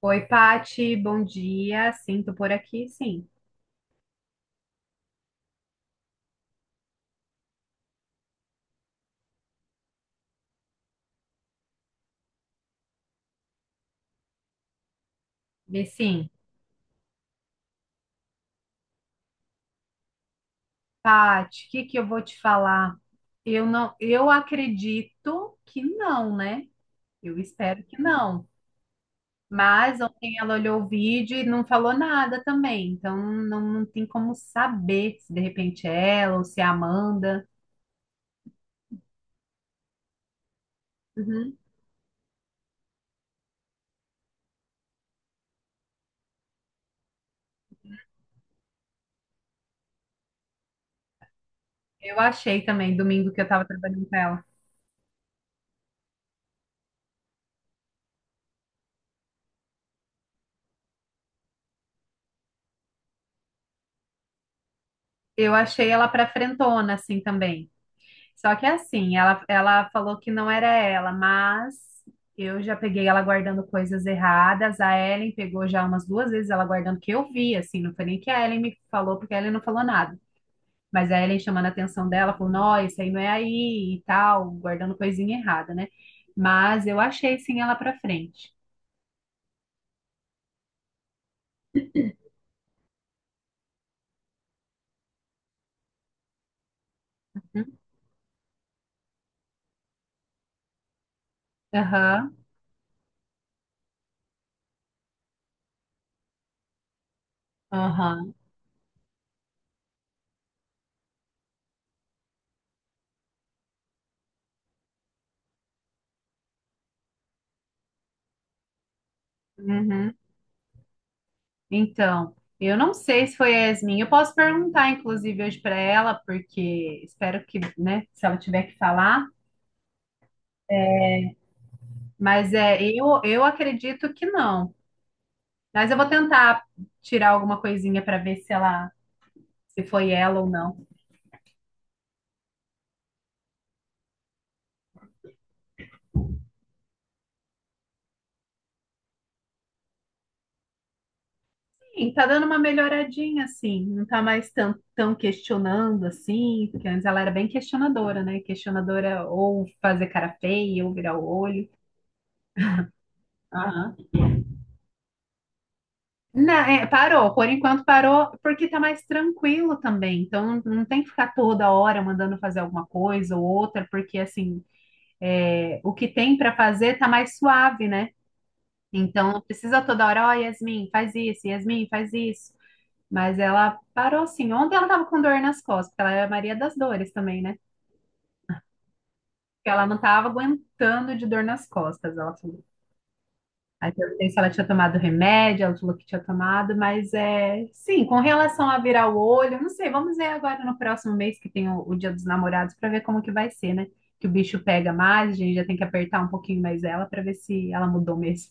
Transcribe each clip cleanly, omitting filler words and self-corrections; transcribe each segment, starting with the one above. Oi, Pati, bom dia. Sinto por aqui, sim. E sim, Pati, o que que eu vou te falar? Eu acredito que não, né? Eu espero que não. Mas ontem ela olhou o vídeo e não falou nada também. Então não tem como saber se de repente é ela ou se é a Amanda. Uhum. Eu achei também, domingo que eu tava trabalhando com ela. Eu achei ela pra frentona, assim também. Só que assim, ela falou que não era ela, mas eu já peguei ela guardando coisas erradas. A Ellen pegou já umas duas vezes ela guardando que eu vi, assim, não foi nem que a Ellen me falou, porque a Ellen não falou nada. Mas a Ellen chamando a atenção dela, falou, não, isso aí não é aí e tal, guardando coisinha errada, né? Mas eu achei sim ela pra frente. Aham, aham, uhum. Então, eu não sei se foi a Yasmin. Eu posso perguntar, inclusive, hoje para ela, porque espero que, né, se ela tiver que falar. Mas é, eu acredito que não. Mas eu vou tentar tirar alguma coisinha para ver se foi ela ou não. Sim, tá dando uma melhoradinha, assim. Não tá mais tão questionando, assim. Porque antes ela era bem questionadora, né? Questionadora ou fazer cara feia, ou virar o olho. Não, é, parou, por enquanto parou, porque tá mais tranquilo também. Então não tem que ficar toda hora mandando fazer alguma coisa ou outra, porque assim, é, o que tem para fazer tá mais suave, né? Então não precisa toda hora, ó, Yasmin, faz isso, Yasmin, faz isso. Mas ela parou assim. Ontem ela tava com dor nas costas, porque ela é a Maria das Dores também, né? Porque ela não tava aguentando de dor nas costas, ela. Aí perguntei se ela tinha tomado remédio, ela falou que tinha tomado, mas é sim, com relação a virar o olho, eu não sei, vamos ver agora no próximo mês que tem o Dia dos Namorados para ver como que vai ser, né? Que o bicho pega mais, a gente já tem que apertar um pouquinho mais ela para ver se ela mudou mesmo.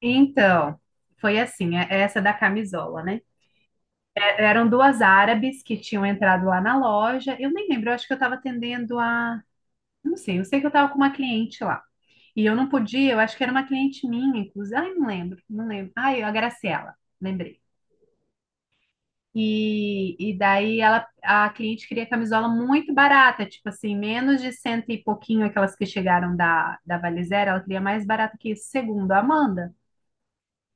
Então, foi assim, é essa da camisola, né? Eram duas árabes que tinham entrado lá na loja. Eu nem lembro, eu acho que eu estava atendendo a, não sei, eu sei que eu estava com uma cliente lá. E eu não podia, eu acho que era uma cliente minha, inclusive. Ai, não lembro, não lembro. Ai, a Graciela, lembrei. E daí ela, a cliente queria camisola muito barata, tipo assim, menos de cento e pouquinho aquelas que chegaram da, Valizera, ela queria mais barata que isso, segundo a Amanda.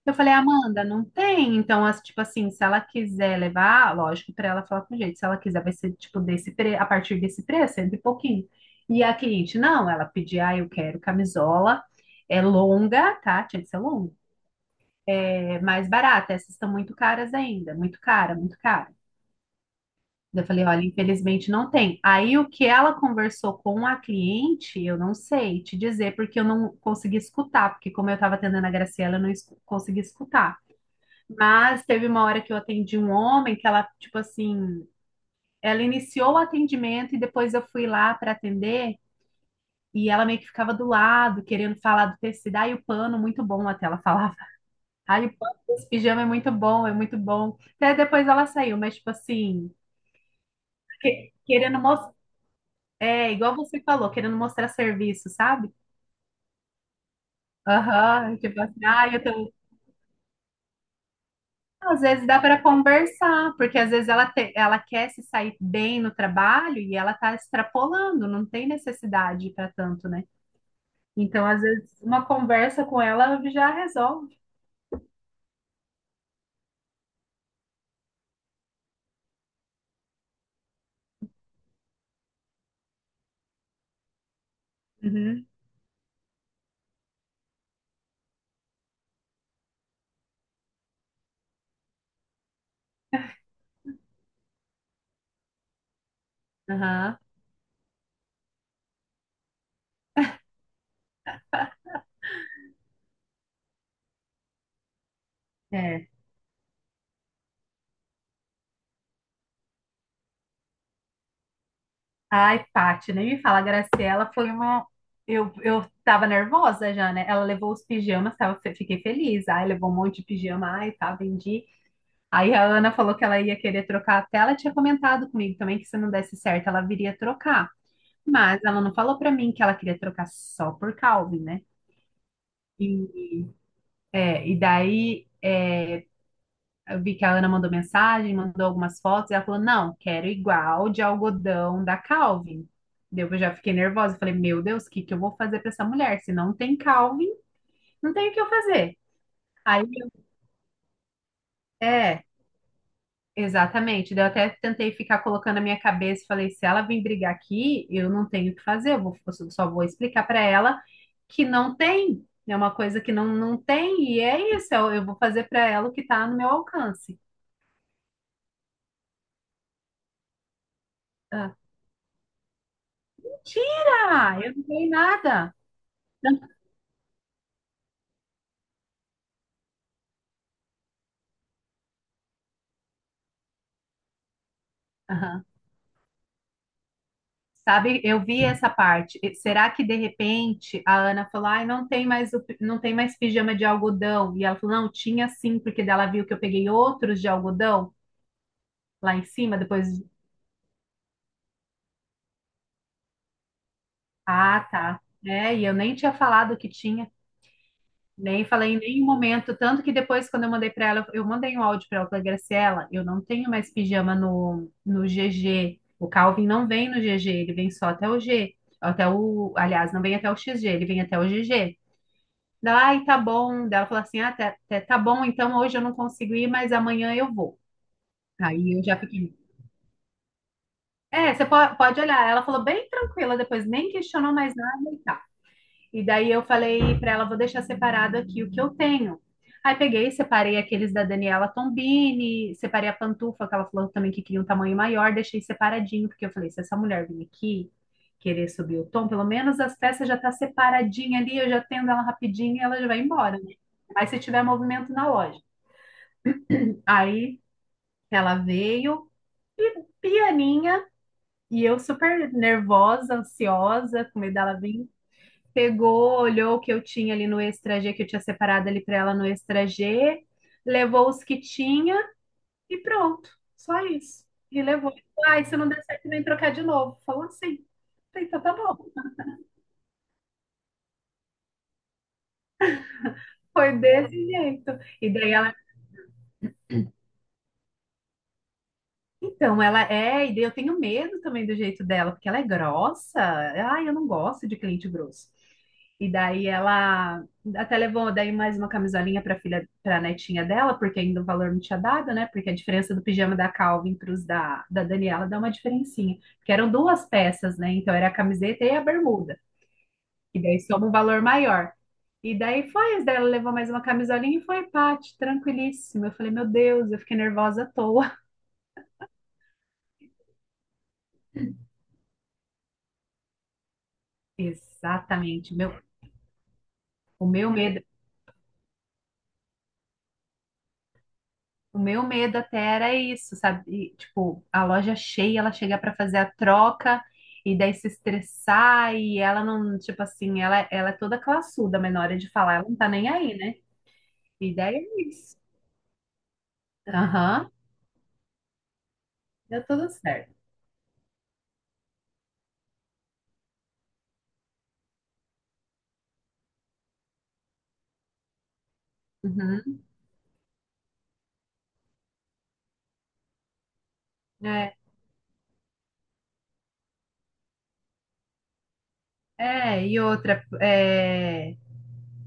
Eu falei, Amanda, não tem. Então, tipo assim, se ela quiser levar, lógico, para ela falar com jeito. Se ela quiser, vai ser tipo a partir desse preço, cento e pouquinho. E a cliente, não, ela pedia, ah, eu quero camisola, é longa, tá? Tinha que ser longa. É mais barata, essas estão muito caras ainda, muito cara, muito cara. Eu falei, olha, infelizmente não tem. Aí o que ela conversou com a cliente, eu não sei te dizer, porque eu não consegui escutar, porque como eu estava atendendo a Graciela, eu não consegui escutar. Mas teve uma hora que eu atendi um homem que ela, tipo assim, ela iniciou o atendimento e depois eu fui lá para atender e ela meio que ficava do lado, querendo falar do tecido. Ai, o pano, muito bom, até ela falava. Ai, o pano desse pijama é muito bom, é muito bom. Até depois ela saiu, mas, tipo assim, querendo mostrar. É, igual você falou, querendo mostrar serviço, sabe? Aham, tipo assim, ai, eu tô. Às vezes dá para conversar, porque às vezes ela quer se sair bem no trabalho e ela está extrapolando, não tem necessidade para tanto, né? Então, às vezes, uma conversa com ela já resolve. Uhum, aham, é. Ai, Paty, nem me fala, a Graciela foi uma. Eu tava nervosa já, né? Ela levou os pijamas, tava, fiquei feliz. Ai, levou um monte de pijama, ai, tá, vendi. Aí a Ana falou que ela ia querer trocar até ela tinha comentado comigo também que se não desse certo, ela viria trocar. Mas ela não falou pra mim que ela queria trocar só por Calvin, né? E, e daí, eu vi que a Ana mandou mensagem, mandou algumas fotos, e ela falou: não, quero igual de algodão da Calvin. Daí eu já fiquei nervosa, falei, meu Deus, o que que eu vou fazer pra essa mulher? Se não tem Calvin, não tem o que eu fazer. Aí, é, Exatamente. Daí eu até tentei ficar colocando a minha cabeça e falei, se ela vir brigar aqui, eu não tenho o que fazer, eu só vou explicar para ela que não tem, é uma coisa que não tem, e é isso, eu vou fazer para ela o que está no meu alcance. Ah, mentira! Eu não dei nada. Aham. Sabe, eu vi essa parte. E será que de repente a Ana falou, ai, não tem mais o, não tem mais pijama de algodão? E ela falou, não, tinha sim, porque dela viu que eu peguei outros de algodão lá em cima, depois. Ah, tá. É, e eu nem tinha falado que tinha, nem falei em nenhum momento. Tanto que depois, quando eu mandei para ela, eu mandei um áudio para ela, falei, Graciela, eu não tenho mais pijama no GG. O Calvin não vem no GG, ele vem só até o G. Até o, aliás, não vem até o XG, ele vem até o GG. Daí, ela, ai, tá bom. Daí ela falou assim: ah, tá, tá bom, então hoje eu não consigo ir, mas amanhã eu vou. Aí eu já fiquei. É, você pode olhar. Ela falou bem tranquila depois, nem questionou mais nada. E daí eu falei para ela, vou deixar separado aqui o que eu tenho. Aí peguei, separei aqueles da Daniela Tombini, separei a pantufa, que ela falou também que queria um tamanho maior, deixei separadinho, porque eu falei, se essa mulher vir aqui querer subir o tom, pelo menos as peças já tá separadinha ali, eu já tendo ela rapidinho e ela já vai embora, né? Mas se tiver movimento na loja. Aí ela veio e pianinha, e eu super nervosa, ansiosa, com medo dela vir, pegou, olhou o que eu tinha ali no extra G, que eu tinha separado ali para ela no extra G, levou os que tinha e pronto. Só isso. E levou. Ai, se não der certo, vem trocar de novo. Falou assim. Falei, então tá bom. Foi desse jeito. E daí ela. Então, ela é, e daí eu tenho medo também do jeito dela, porque ela é grossa. Ai, eu não gosto de cliente grosso. E daí ela até levou daí mais uma camisolinha para filha, para netinha dela, porque ainda o valor não tinha dado, né? Porque a diferença do pijama da Calvin para os da, Daniela dá uma diferencinha. Porque eram duas peças, né? Então era a camiseta e a bermuda. E daí soma um valor maior. E daí foi, as dela levou mais uma camisolinha e foi, Paty, tranquilíssima. Eu falei, meu Deus, eu fiquei nervosa à toa. Exatamente. Meu. O meu medo, o meu medo até era isso, sabe? E, tipo, a loja cheia, ela chegar para fazer a troca e daí se estressar e ela não, tipo assim, ela é toda classuda, mas na hora de falar, ela não tá nem aí, né? E daí é isso. Aham, deu tudo certo. Uhum. É, é, e outra,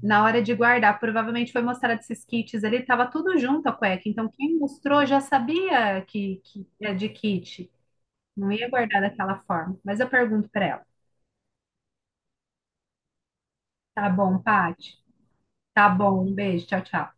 na hora de guardar, provavelmente foi mostrado esses kits ali, tava tudo junto a cueca, então quem mostrou já sabia que é de kit. Não ia guardar daquela forma. Mas eu pergunto pra ela. Tá bom, Paty? Tá bom, um beijo, tchau, tchau.